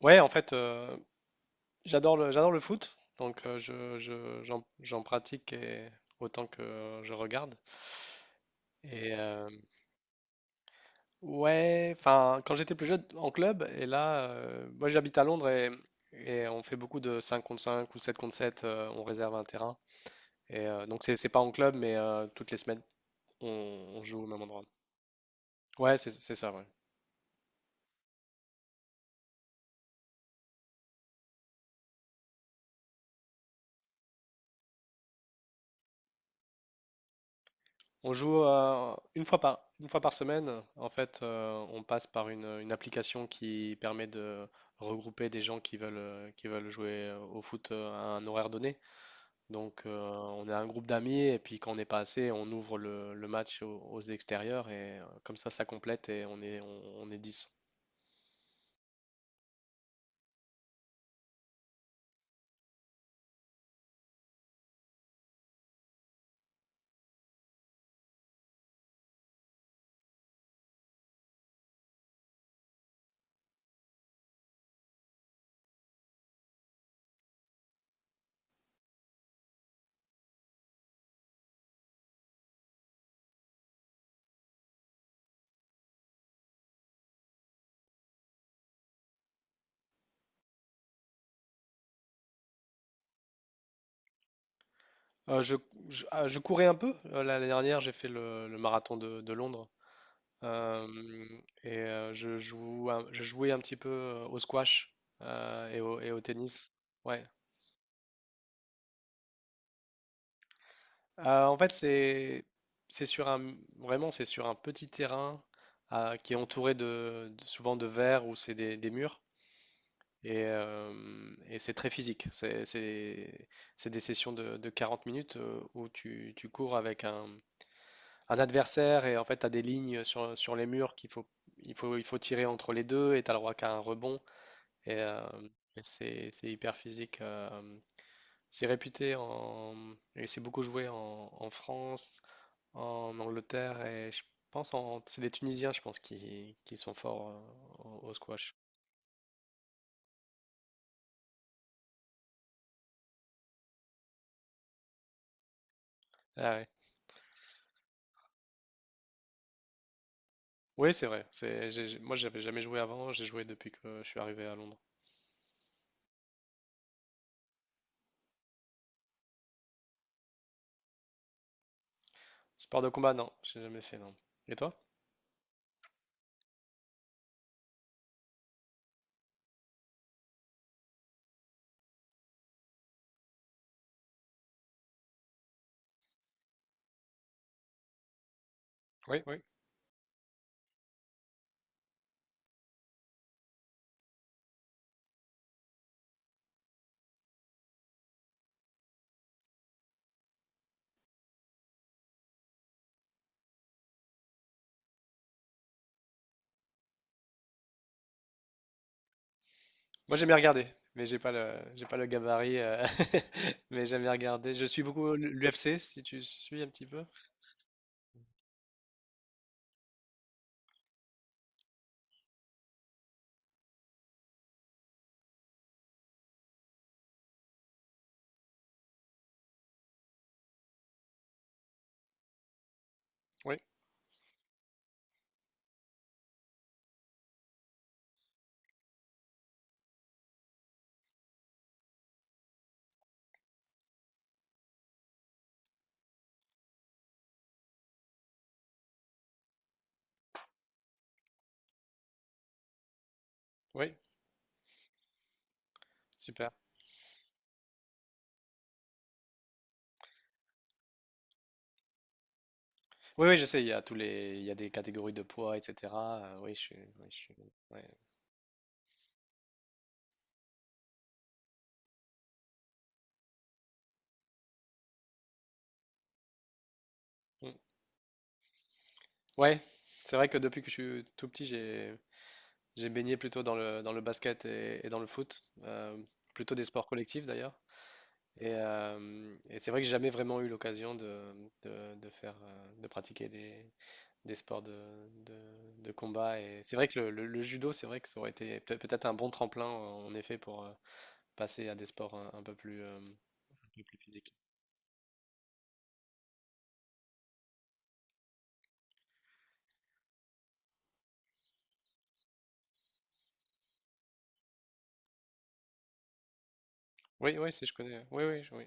Ouais, en fait, j'adore j'adore le foot, donc j'en pratique autant que je regarde. Et ouais, enfin, quand j'étais plus jeune en club, et là, moi j'habite à Londres et on fait beaucoup de 5 contre 5 ou 7 contre 7, on réserve un terrain. Et donc c'est pas en club, mais toutes les semaines, on, on joue au même endroit. Ouais, c'est ça, ouais. On joue une fois par semaine. En fait, on passe par une application qui permet de regrouper des gens qui veulent jouer au foot à un horaire donné. Donc, on a un groupe d'amis et puis quand on n'est pas assez, on ouvre le match aux extérieurs et comme ça complète et on est 10. Euh, je, je courais un peu. L'année dernière, j'ai fait le marathon de Londres. Euh, et je jouais un petit peu au squash et et au tennis. Ouais. En fait, c'est sur un vraiment c'est sur un petit terrain qui est entouré de, souvent de verre ou c'est des murs et c'est très physique. C'est c'est des sessions de 40 minutes où tu cours avec un adversaire et en fait tu as des lignes sur, sur les murs qu'il faut il faut il faut tirer entre les deux et tu as le droit qu'à un rebond. Et, euh, et c'est hyper physique. Euh, c'est réputé en. Et c'est beaucoup joué en, en France, en Angleterre et je pense en. C'est les Tunisiens, je pense, qui sont forts au, au squash. Ah ouais. Oui, c'est vrai. C'est, moi, j'avais jamais joué avant. J'ai joué depuis que je suis arrivé à Londres. Sport de combat, non, j'ai jamais fait, non. Et toi? Oui, oui. Moi, j'aime bien regarder, mais j'ai pas le gabarit. Euh, mais j'aime bien regarder. Je suis beaucoup l'UFC, si tu suis un petit peu. Oui, oui, super. Oui, oui, je sais, il y a des catégories de poids, etc. Oui, ouais. Mm. Ouais, c'est vrai que depuis que je suis tout petit, j'ai baigné plutôt dans le basket et dans le foot, plutôt des sports collectifs d'ailleurs. Et c'est vrai que j'ai jamais vraiment eu l'occasion de faire, de pratiquer des sports de, de combat. Et c'est vrai que le, le judo, c'est vrai que ça aurait été peut-être un bon tremplin en effet pour passer à des sports un peu plus physiques. Oui, oui, si je connais. Oui, oui, oui.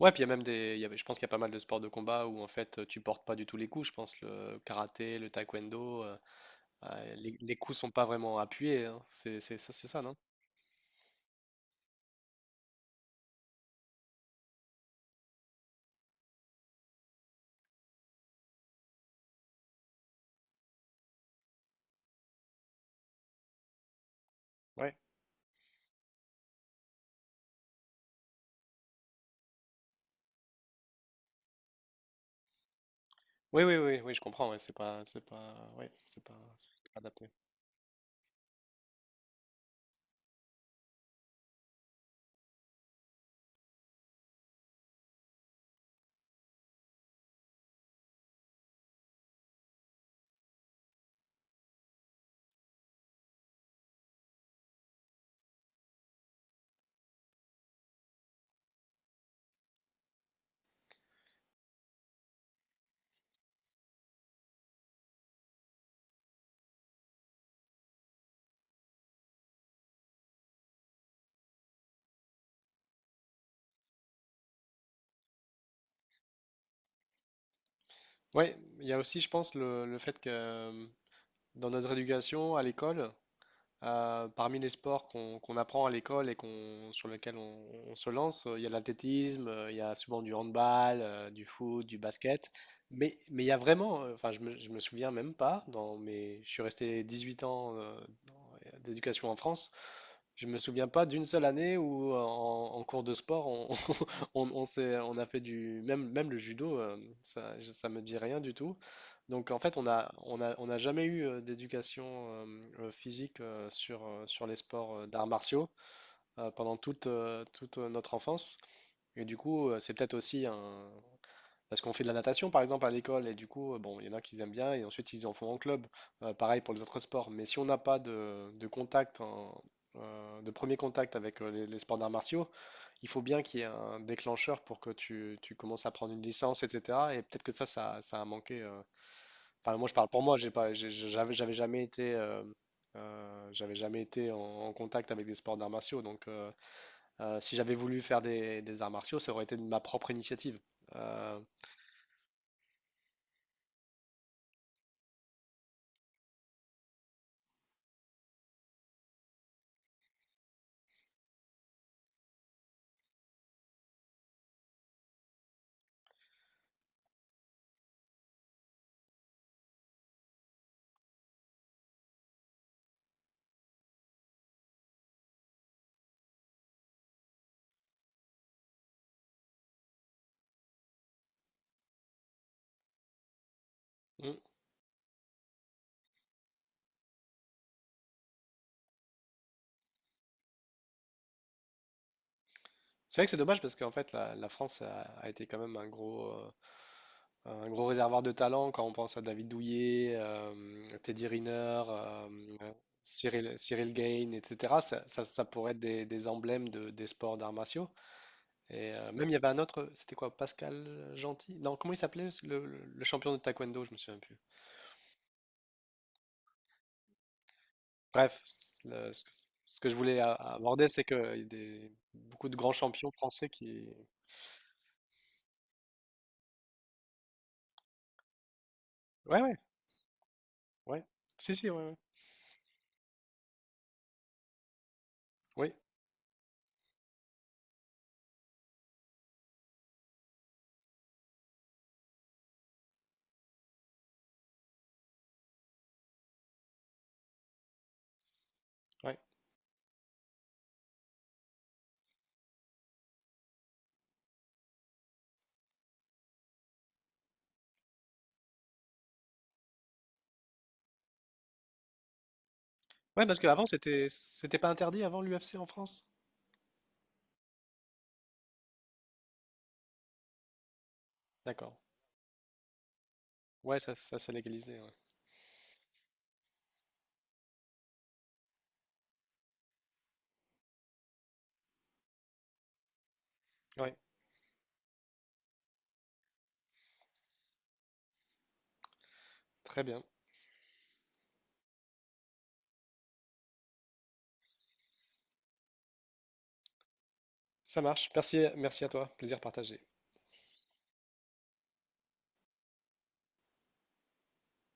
Ouais, puis il y a même des. Je pense qu'il y a pas mal de sports de combat où en fait tu portes pas du tout les coups. Je pense le karaté, le taekwondo, les coups sont pas vraiment appuyés, hein. C'est ça, c'est ça, non? Ouais. Oui, oui, oui, oui, je comprends. Ouais, c'est pas, ouais, c'est pas adapté. Ouais, il y a aussi, je pense, le fait que dans notre éducation à l'école, parmi les sports qu'on apprend à l'école et qu'on, sur lesquels on se lance, il y a l'athlétisme, il y a souvent du handball, du foot, du basket. Mais il y a vraiment, enfin, je me souviens même pas, dans mes, je suis resté 18 ans dans- d'éducation en France, je me souviens pas d'une seule année où en, en cours de sport on, on, on a fait du même même le judo ça ça me dit rien du tout. Donc en fait on n'a jamais eu d'éducation physique sur les sports d'arts martiaux pendant toute notre enfance et du coup c'est peut-être aussi un parce qu'on fait de la natation, par exemple, à l'école, et du coup, bon, il y en a qui aiment bien, et ensuite ils en font en club. Pareil pour les autres sports. Mais si on n'a pas de, de contact, de premier contact avec les sports d'arts martiaux, il faut bien qu'il y ait un déclencheur pour que tu commences à prendre une licence, etc. Et peut-être que ça a manqué. Euh, enfin, moi, je parle pour moi. J'avais jamais été en, en contact avec des sports d'arts martiaux. Donc, si j'avais voulu faire des arts martiaux, ça aurait été de ma propre initiative. Euh, C'est vrai que c'est dommage parce qu'en fait, la, la France a, a été quand même un gros réservoir de talent quand on pense à David Douillet, Teddy Riner, euh, euh, Cyril Gain, etc. Ça pourrait être des emblèmes de, des sports d'arts martiaux. Et même il y avait un autre, c'était quoi, Pascal Gentil? Non, comment il s'appelait le champion de taekwondo, je me souviens plus. Bref, le- ce, que ce que je voulais aborder, c'est que il y a des, beaucoup de grands champions français qui. Ouais, ouais, ouais. Si, si, ouais, ouais. Oui, ouais. Ouais, parce qu'avant, c'était pas interdit avant l'UFC en France? D'accord. Ouais, ça s'est légalisé. Ouais, Ouais, très bien. Ça marche. Merci, merci à toi. Plaisir partagé.